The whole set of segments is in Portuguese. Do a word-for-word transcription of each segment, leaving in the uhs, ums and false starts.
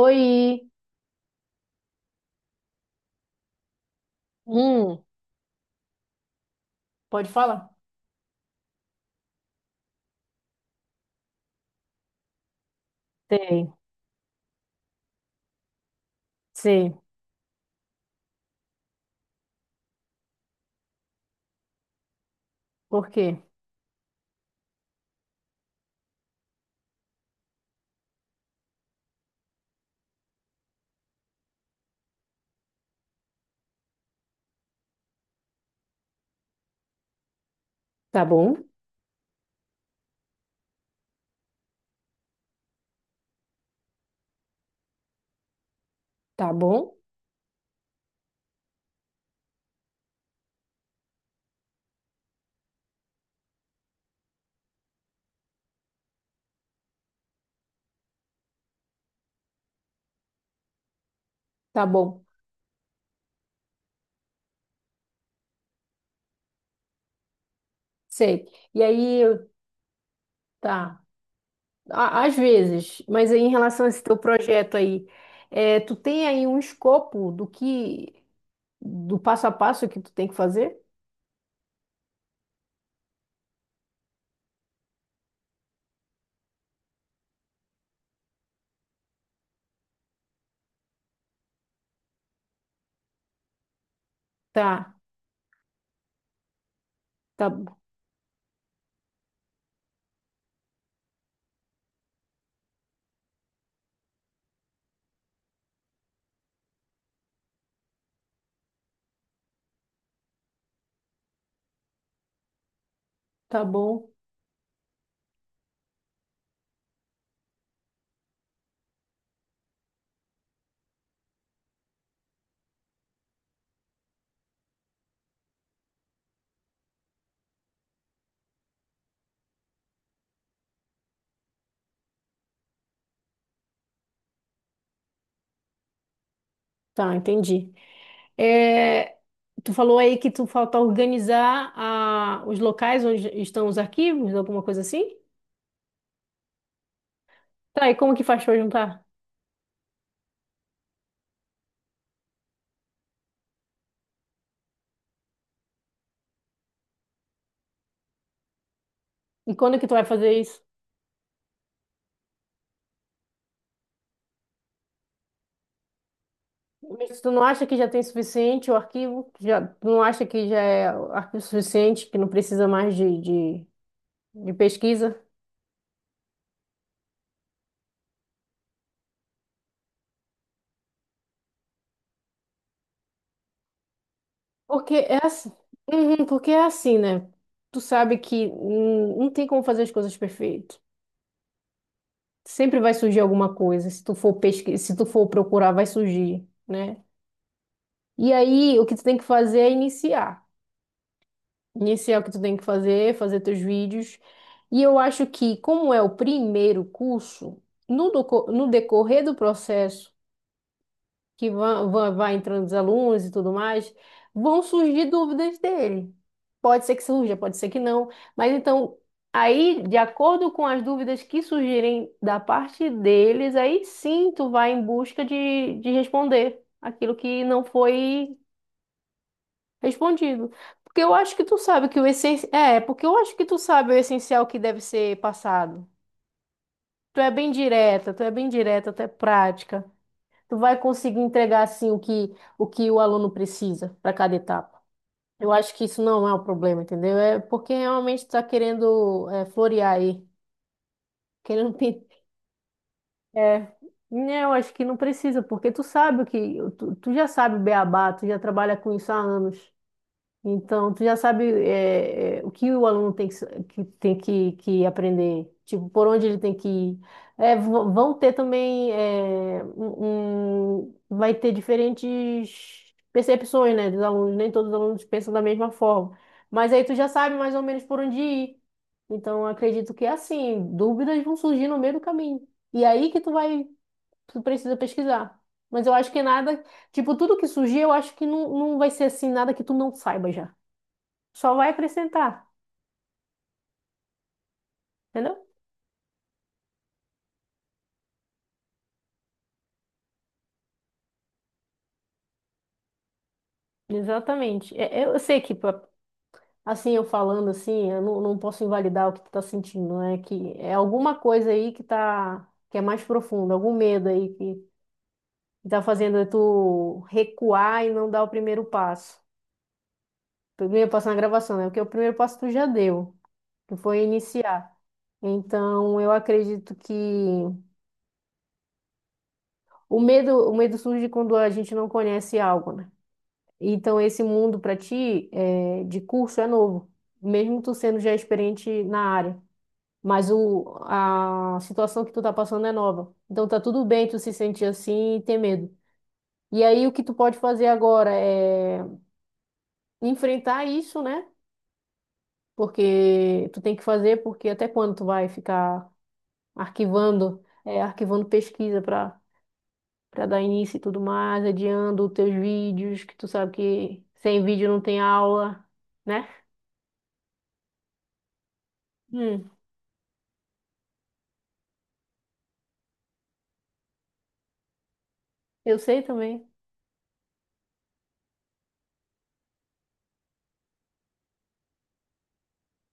Oi. Hum. Pode falar? Sei, sei. Por quê? Tá bom. Tá bom. Tá bom. Sei. E aí, eu- tá. Á- às vezes, mas aí em relação a esse teu projeto aí, é, tu tem aí um escopo do que, do passo a passo que tu tem que fazer? Tá. Tá. Tá bom. Tá, entendi. É, tu falou aí que tu falta organizar a, os locais onde estão os arquivos, alguma coisa assim? Tá, e como que faz pra juntar? E quando é que tu vai fazer isso? Mas tu não acha que já tem suficiente o arquivo? Já, tu não acha que já é arquivo suficiente, que não precisa mais de, de, de pesquisa? Porque é assim, uhum, porque é assim, né? Tu sabe que hum, não tem como fazer as coisas perfeito. Sempre vai surgir alguma coisa. Se tu for pesquisar, se tu for procurar, vai surgir, né? E aí, o que tu tem que fazer é iniciar. Esse é o que tu tem que fazer, fazer teus vídeos. E eu acho que, como é o primeiro curso, no, doco- no decorrer do processo, que vão- vão- vai entrando os alunos e tudo mais, vão surgir dúvidas dele. Pode ser que surja, pode ser que não. Mas então, aí, de acordo com as dúvidas que surgirem da parte deles, aí sim tu vai em busca de, de responder aquilo que não foi respondido. Porque eu acho que tu sabe que o essencial. É, porque eu acho que tu sabe o essencial que deve ser passado. Tu é bem direta, tu é bem direta, tu é prática. Tu vai conseguir entregar assim o que o que o aluno precisa para cada etapa. Eu acho que isso não é o problema, entendeu? É porque realmente tu tá querendo é, florear aí, querendo pin- é. Não, acho que não precisa, porque tu sabe o que tu, tu já sabe o beabá, tu já trabalha com isso há anos. Então, tu já sabe é, é, o que o aluno tem que, sa- que tem que, que aprender, tipo, por onde ele tem que ir. É, v- vão ter também, é, um, um- vai ter diferentes percepções, né, dos alunos. Nem todos os alunos pensam da mesma forma. Mas aí tu já sabe mais ou menos por onde ir. Então, eu acredito que é assim, dúvidas vão surgir no meio do caminho. E aí que tu vai, tu precisa pesquisar. Mas eu acho que nada, tipo, tudo que surgir, eu acho que não, não vai ser assim, nada que tu não saiba já. Só vai acrescentar, entendeu? Exatamente. É- é- Eu sei que, pra- assim, eu falando assim, eu não, não posso invalidar o que tu tá sentindo, né? Que é alguma coisa aí que tá, que é mais profunda, algum medo aí que, que tá fazendo tu recuar e não dar o primeiro passo. O primeiro passo na gravação, né? Porque o primeiro passo tu já deu, que foi iniciar. Então, eu acredito que o medo, o medo surge quando a gente não conhece algo, né? Então, esse mundo para ti é, de curso é novo, mesmo tu sendo já experiente na área. Mas o, a situação que tu tá passando é nova. Então tá tudo bem tu se sentir assim e ter medo. E aí o que tu pode fazer agora é enfrentar isso, né? Porque tu tem que fazer, porque até quando tu vai ficar arquivando, é, arquivando pesquisa para para dar início e tudo mais, adiando os teus vídeos, que tu sabe que sem vídeo não tem aula, né? Hum. Eu sei também,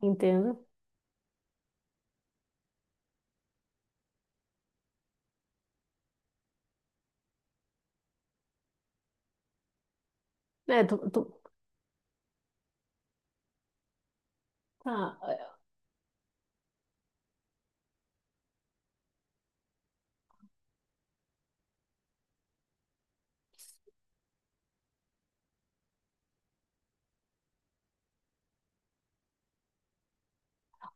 entendo. É, tu, tu- tá, é,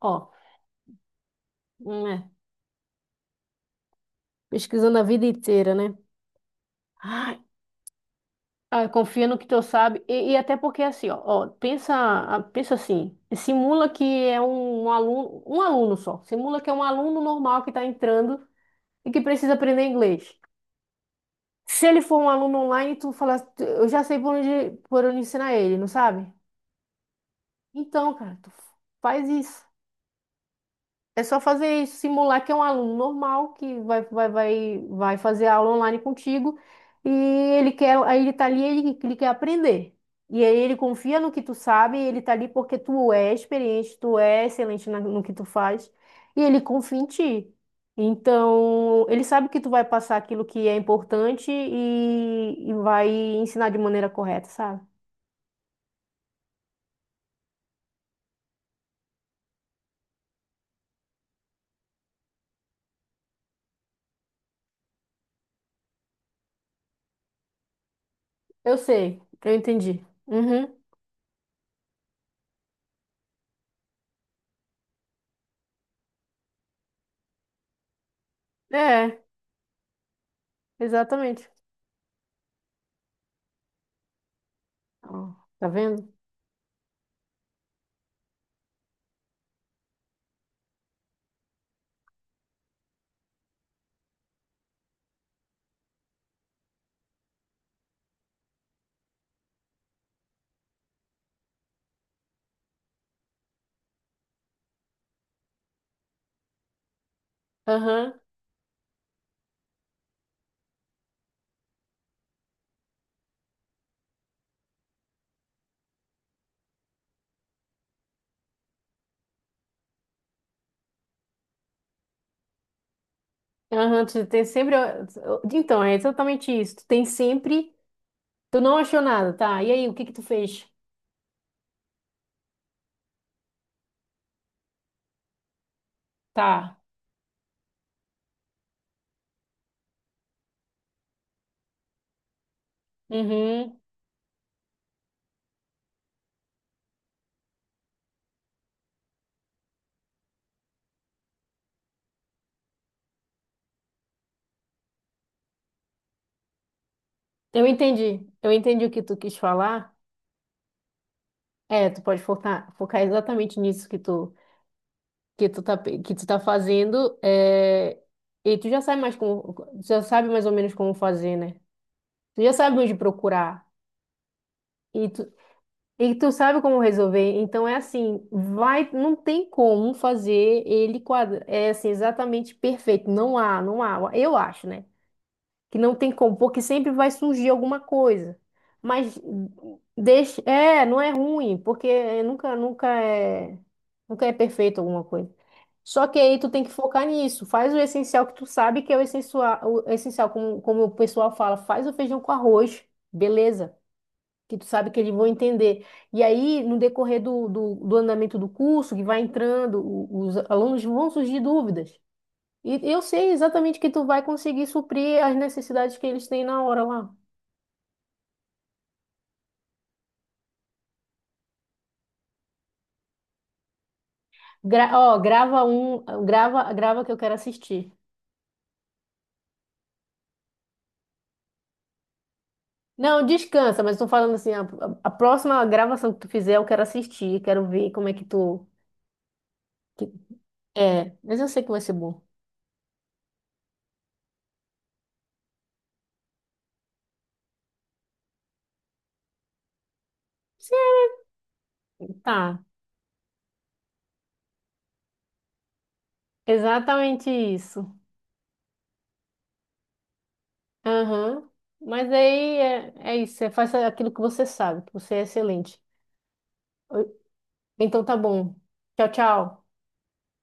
ó, né, pesquisando a vida inteira, né? Ai, ah, confia no que tu sabe. E, e até porque assim, ó, ó, pensa, ah, pensa assim, simula que é um, um aluno, um aluno só. Simula que é um aluno normal que está entrando e que precisa aprender inglês. Se ele for um aluno online, tu fala, eu já sei por onde, por onde, ensinar ele, não sabe? Então, cara, tu faz isso. É só fazer isso, simular que é um aluno normal que vai, vai, vai, vai fazer aula online contigo e ele quer, aí ele tá ali, ele, ele quer aprender. E aí ele confia no que tu sabe, e ele tá ali porque tu é experiente, tu é excelente na- no que tu faz e ele confia em ti. Então, ele sabe que tu vai passar aquilo que é importante e, e vai ensinar de maneira correta, sabe? Eu sei, eu entendi. Uhum. É, exatamente. Ó, tá vendo? Aham. Aham, tu tem sempre. Então, é exatamente isso. Tu tem sempre. Tu não achou nada, tá? E aí, o que que tu fez? Tá. Uhum. Eu entendi. Eu entendi o que tu quis falar. É, tu pode focar, focar exatamente nisso que tu, que tu tá, pe- que tu tá fazendo. É... E tu já sabe mais como, tu já sabe mais ou menos como fazer, né? Tu já sabe onde procurar. E tu sabe como resolver? Então é assim, vai, não tem como fazer ele quadra, é assim, exatamente perfeito. Não há, não há. Eu acho, né? Que não tem como, porque sempre vai surgir alguma coisa. Mas deixa, é, não é ruim, porque nunca, nunca é, nunca é perfeito alguma coisa. Só que aí tu tem que focar nisso. Faz o essencial que tu sabe que é o essencial, o essencial como, como o pessoal fala, faz o feijão com arroz, beleza? Que tu sabe que eles vão entender. E aí, no decorrer do, do, do andamento do curso, que vai entrando, o- os alunos vão surgir dúvidas. E eu sei exatamente que tu vai conseguir suprir as necessidades que eles têm na hora lá. Gra- ó, grava um, grava, grava que eu quero assistir. Não, descansa, mas estou falando assim, a, a- a próxima gravação que tu fizer, eu quero assistir, quero ver como é que tu. que- É, mas eu sei que vai ser bom. Tá, exatamente isso. Aham. Mas aí é, é isso, você faz aquilo que você sabe, que você é excelente. Então tá bom. Tchau, tchau.